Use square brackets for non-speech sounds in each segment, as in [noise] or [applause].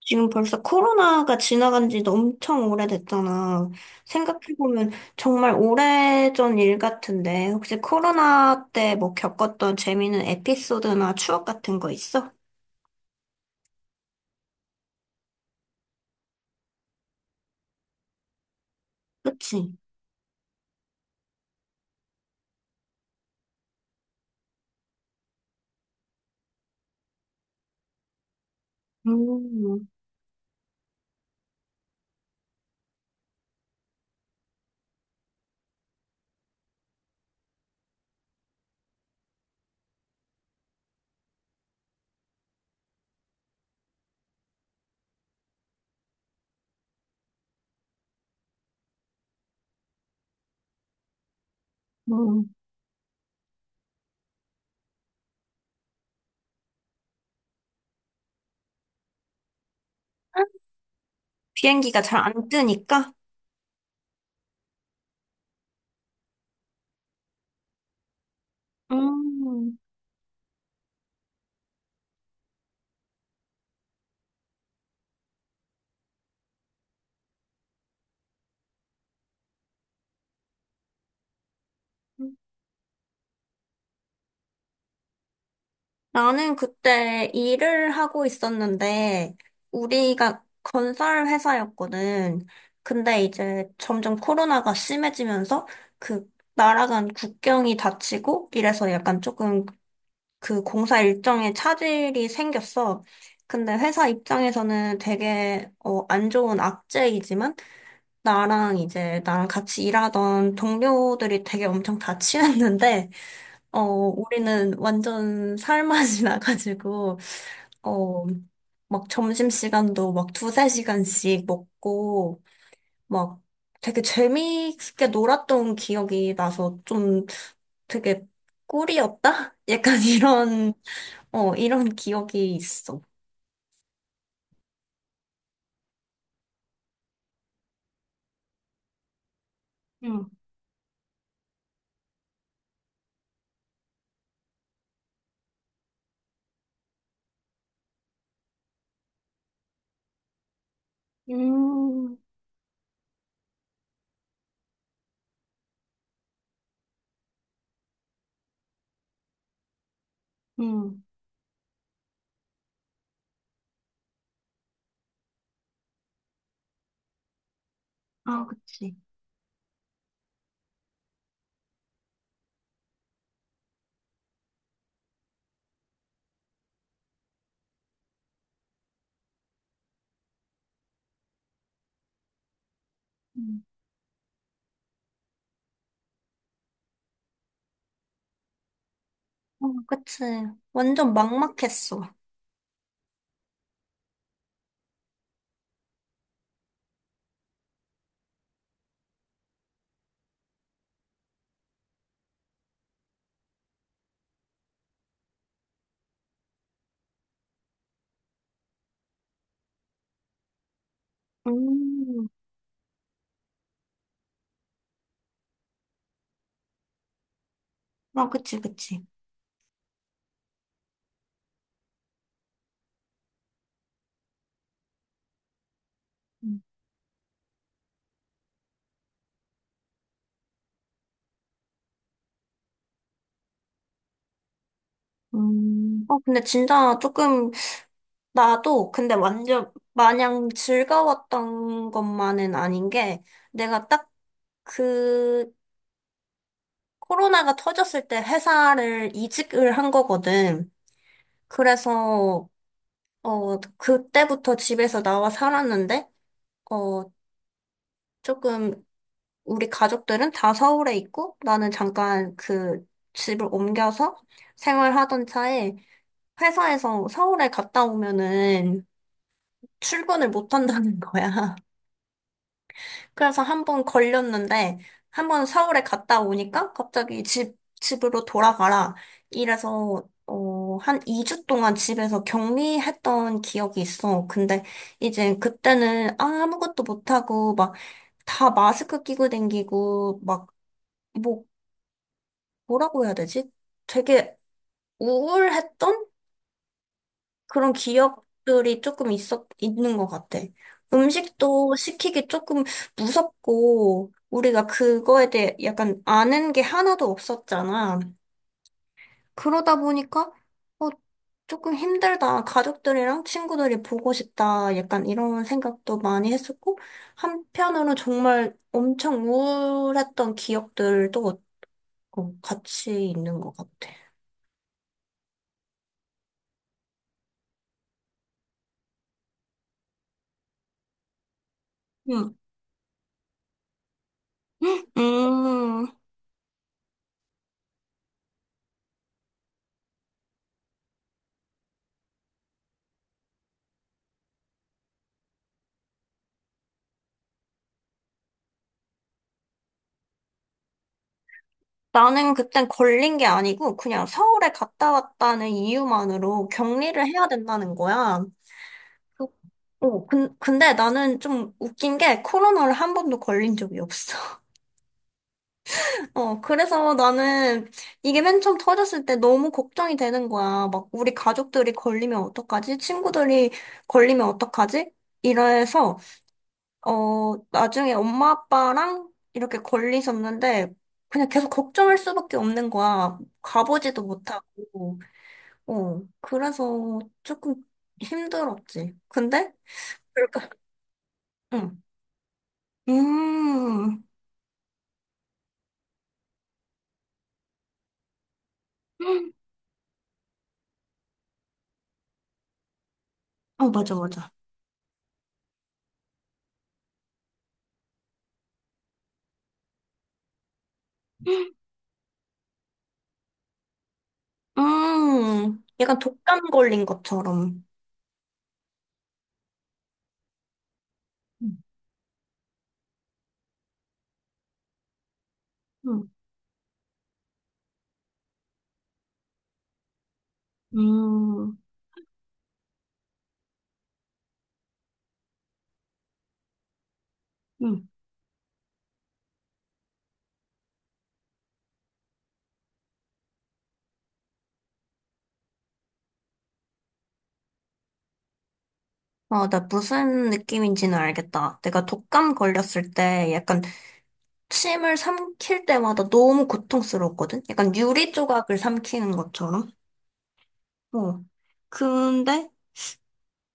지금 벌써 코로나가 지나간 지도 엄청 오래됐잖아. 생각해보면 정말 오래전 일 같은데, 혹시 코로나 때 뭐 겪었던 재미있는 에피소드나 추억 같은 거 있어? 그치? 음, 음. 비행기가 잘 안 뜨니까? 음. 음. 나는 그때 일을 하고 있었는데, 우리가 건설 회사였거든. 근데 이제 점점 코로나가 심해지면서 그 날아간 국경이 닫히고 이래서 약간 조금 그 공사 일정에 차질이 생겼어. 근데 회사 입장에서는 되게 안 좋은 악재이지만 나랑 같이 일하던 동료들이 되게 엄청 다 친했는데 우리는 완전 살맛이 [laughs] 나가지고, 어, 막 점심시간도 막 두세 시간씩 먹고, 막 되게 재미있게 놀았던 기억이 나서 좀 되게 꿀이었다? [laughs] 약간 이런, 이런 기억이 있어. 응, 음, 음. 아, 그치. 음, 어, 그치. 완전 막막했어. 음. 아, 그치, 그치. 근데 진짜 조금, 나도, 근데 완전, 마냥 즐거웠던 것만은 아닌 게, 내가 딱 그, 코로나가 터졌을 때 회사를 이직을 한 거거든. 그래서, 그때부터 집에서 나와 살았는데, 어, 조금, 우리 가족들은 다 서울에 있고, 나는 잠깐 그 집을 옮겨서 생활하던 차에, 회사에서 서울에 갔다 오면은, 출근을 못 한다는 거야. [laughs] 그래서 한 번 걸렸는데, 한 번 서울에 갔다 오니까 갑자기 집으로 돌아가라. 이래서, 한 2주 동안 집에서 격리했던 기억이 있어. 근데 이제 그때는 아무것도 못하고, 막, 다 마스크 끼고 댕기고, 막, 뭐, 뭐라고 해야 되지? 되게 우울했던? 그런 기억들이 조금 있는 것 같아. 음식도 시키기 조금 무섭고, 우리가 그거에 대해 약간 아는 게 하나도 없었잖아. 그러다 보니까, 어, 조금 힘들다. 가족들이랑 친구들이 보고 싶다. 약간 이런 생각도 많이 했었고, 한편으로 정말 엄청 우울했던 기억들도 같이 있는 것 같아. 음. 음. 나는 그땐 걸린 게 아니고 그냥 서울에 갔다 왔다는 이유만으로 격리를 해야 된다는 거야. 그- 어, 근데 나는 좀 웃긴 게 코로나를 한 번도 걸린 적이 없어. [laughs] 그래서 나는 이게 맨 처음 터졌을 때 너무 걱정이 되는 거야. 막 우리 가족들이 걸리면 어떡하지? 친구들이 걸리면 어떡하지? 이래서 나중에 엄마 아빠랑 이렇게 걸리셨는데, 그냥 계속 걱정할 수밖에 없는 거야. 가보지도 못하고, 그래서 조금 힘들었지. 근데, 그러니까, 응. 음, 어, 맞아, 맞아. 약간 독감 걸린 것처럼. 음, 음, 음. 아, 나 무슨 느낌인지는 알겠다. 내가 독감 걸렸을 때 약간 침을 삼킬 때마다 너무 고통스러웠거든? 약간 유리 조각을 삼키는 것처럼? 어. 근데,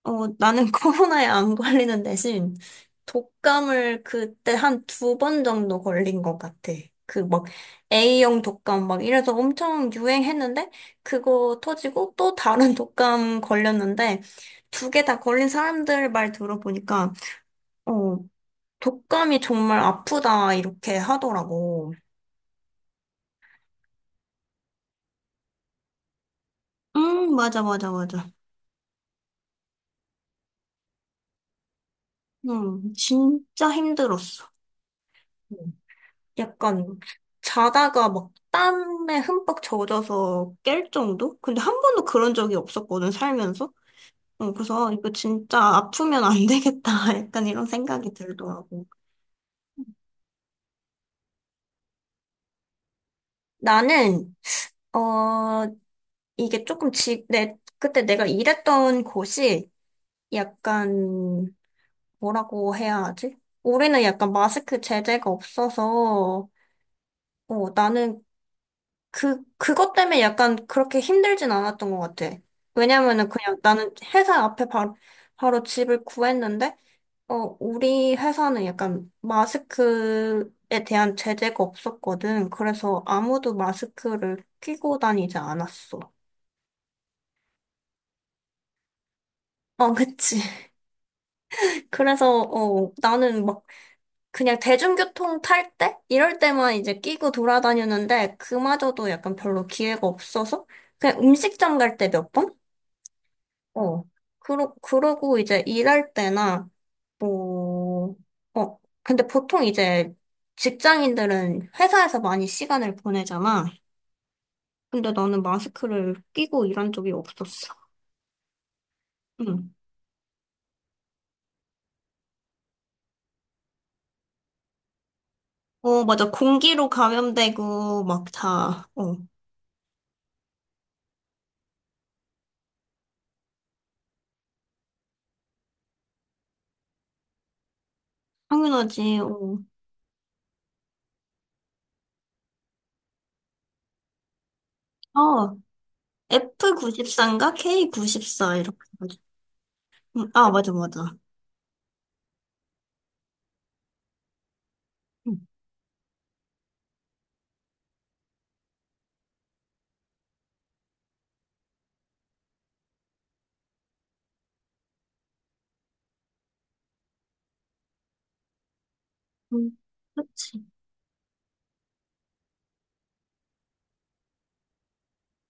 나는 [laughs] 코로나에 안 걸리는 대신 독감을 그때 한 두 번 정도 걸린 것 같아. 그 막 A형 독감 막 이래서 엄청 유행했는데, 그거 터지고 또 다른 [laughs] 독감 걸렸는데, 두 개 다 걸린 사람들 말 들어보니까, 어, 독감이 정말 아프다, 이렇게 하더라고. 응, 맞아, 맞아, 맞아. 응, 진짜 힘들었어. 음. 약간 자다가 막 땀에 흠뻑 젖어서 깰 정도? 근데 한 번도 그런 적이 없었거든, 살면서. 그래서 아, 이거 진짜 아프면 안 되겠다. [laughs] 약간 이런 생각이 들더라고. 나는, 어, 이게 조금 지, 내, 그때 내가 일했던 곳이 약간, 뭐라고 해야 하지? 우리는 약간 마스크 제재가 없어서, 나는 그것 때문에 약간 그렇게 힘들진 않았던 것 같아. 왜냐면은 그냥 나는 회사 앞에 바로, 바로 집을 구했는데, 우리 회사는 약간 마스크에 대한 제재가 없었거든. 그래서 아무도 마스크를 끼고 다니지 않았어. 어, 그치. [laughs] 그래서, 나는 막 그냥 대중교통 탈 때? 이럴 때만 이제 끼고 돌아다녔는데, 그마저도 약간 별로 기회가 없어서, 그냥 음식점 갈 때 몇 번? 어. 그러고 이제 일할 때나, 뭐, 근데 보통 이제 직장인들은 회사에서 많이 시간을 보내잖아. 근데 나는 마스크를 끼고 일한 적이 없었어. 응. 어, 맞아. 공기로 감염되고, 막 다, 어. 당연하지, 어. 어, F94인가? K94, 이렇게. 해가지고. 응, 아, 맞아, 맞아. 응. 응. 그치.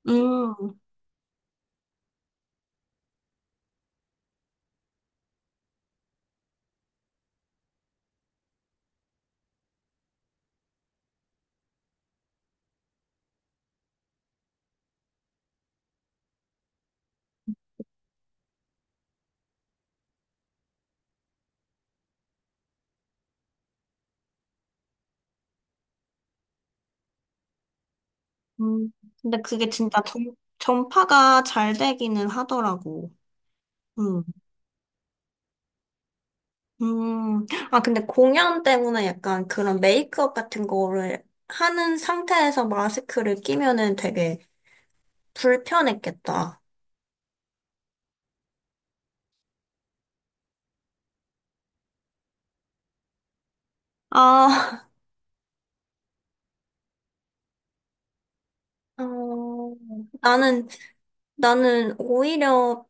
음. 음, 근데 그게 진짜 전파가 잘 되기는 하더라고. 음. 음. 아, 근데 공연 때문에 약간 그런 메이크업 같은 거를 하는 상태에서 마스크를 끼면은 되게 불편했겠다. 아, [laughs] 어, 나는 나는 오히려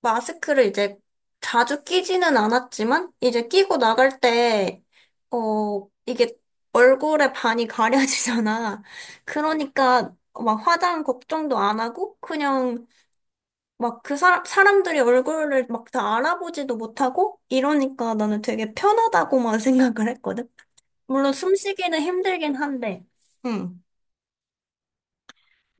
마스크를 이제 자주 끼지는 않았지만, 이제 끼고 나갈 때, 이게 얼굴에 반이 가려지잖아. 그러니까 막 화장 걱정도 안 하고, 그냥 막 그 사람들이 얼굴을 막 다 알아보지도 못하고, 이러니까 나는 되게 편하다고만 [laughs] 생각을 했거든. 물론 숨쉬기는 힘들긴 한데, 응.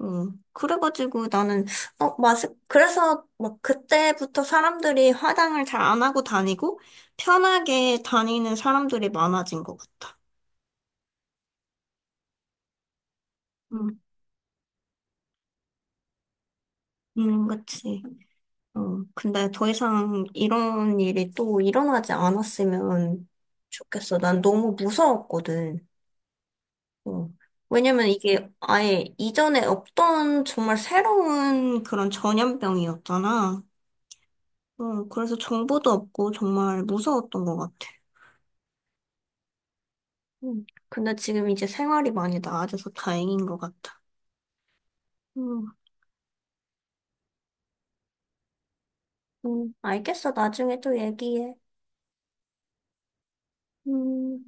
음. 그래가지고 나는, 어, 그래서 막 그때부터 사람들이 화장을 잘 안 하고 다니고 편하게 다니는 사람들이 많아진 것 같아. 음, 그치. 근데 더 이상 이런 일이 또 일어나지 않았으면 좋겠어. 난 너무 무서웠거든. 어. 왜냐면 이게 아예 이전에 없던 정말 새로운 그런 전염병이었잖아. 그래서 정보도 없고 정말 무서웠던 것 같아. 음. 근데 지금 이제 생활이 많이 나아져서 다행인 것 같아. 음, 알겠어. 나중에 또 얘기해. 음.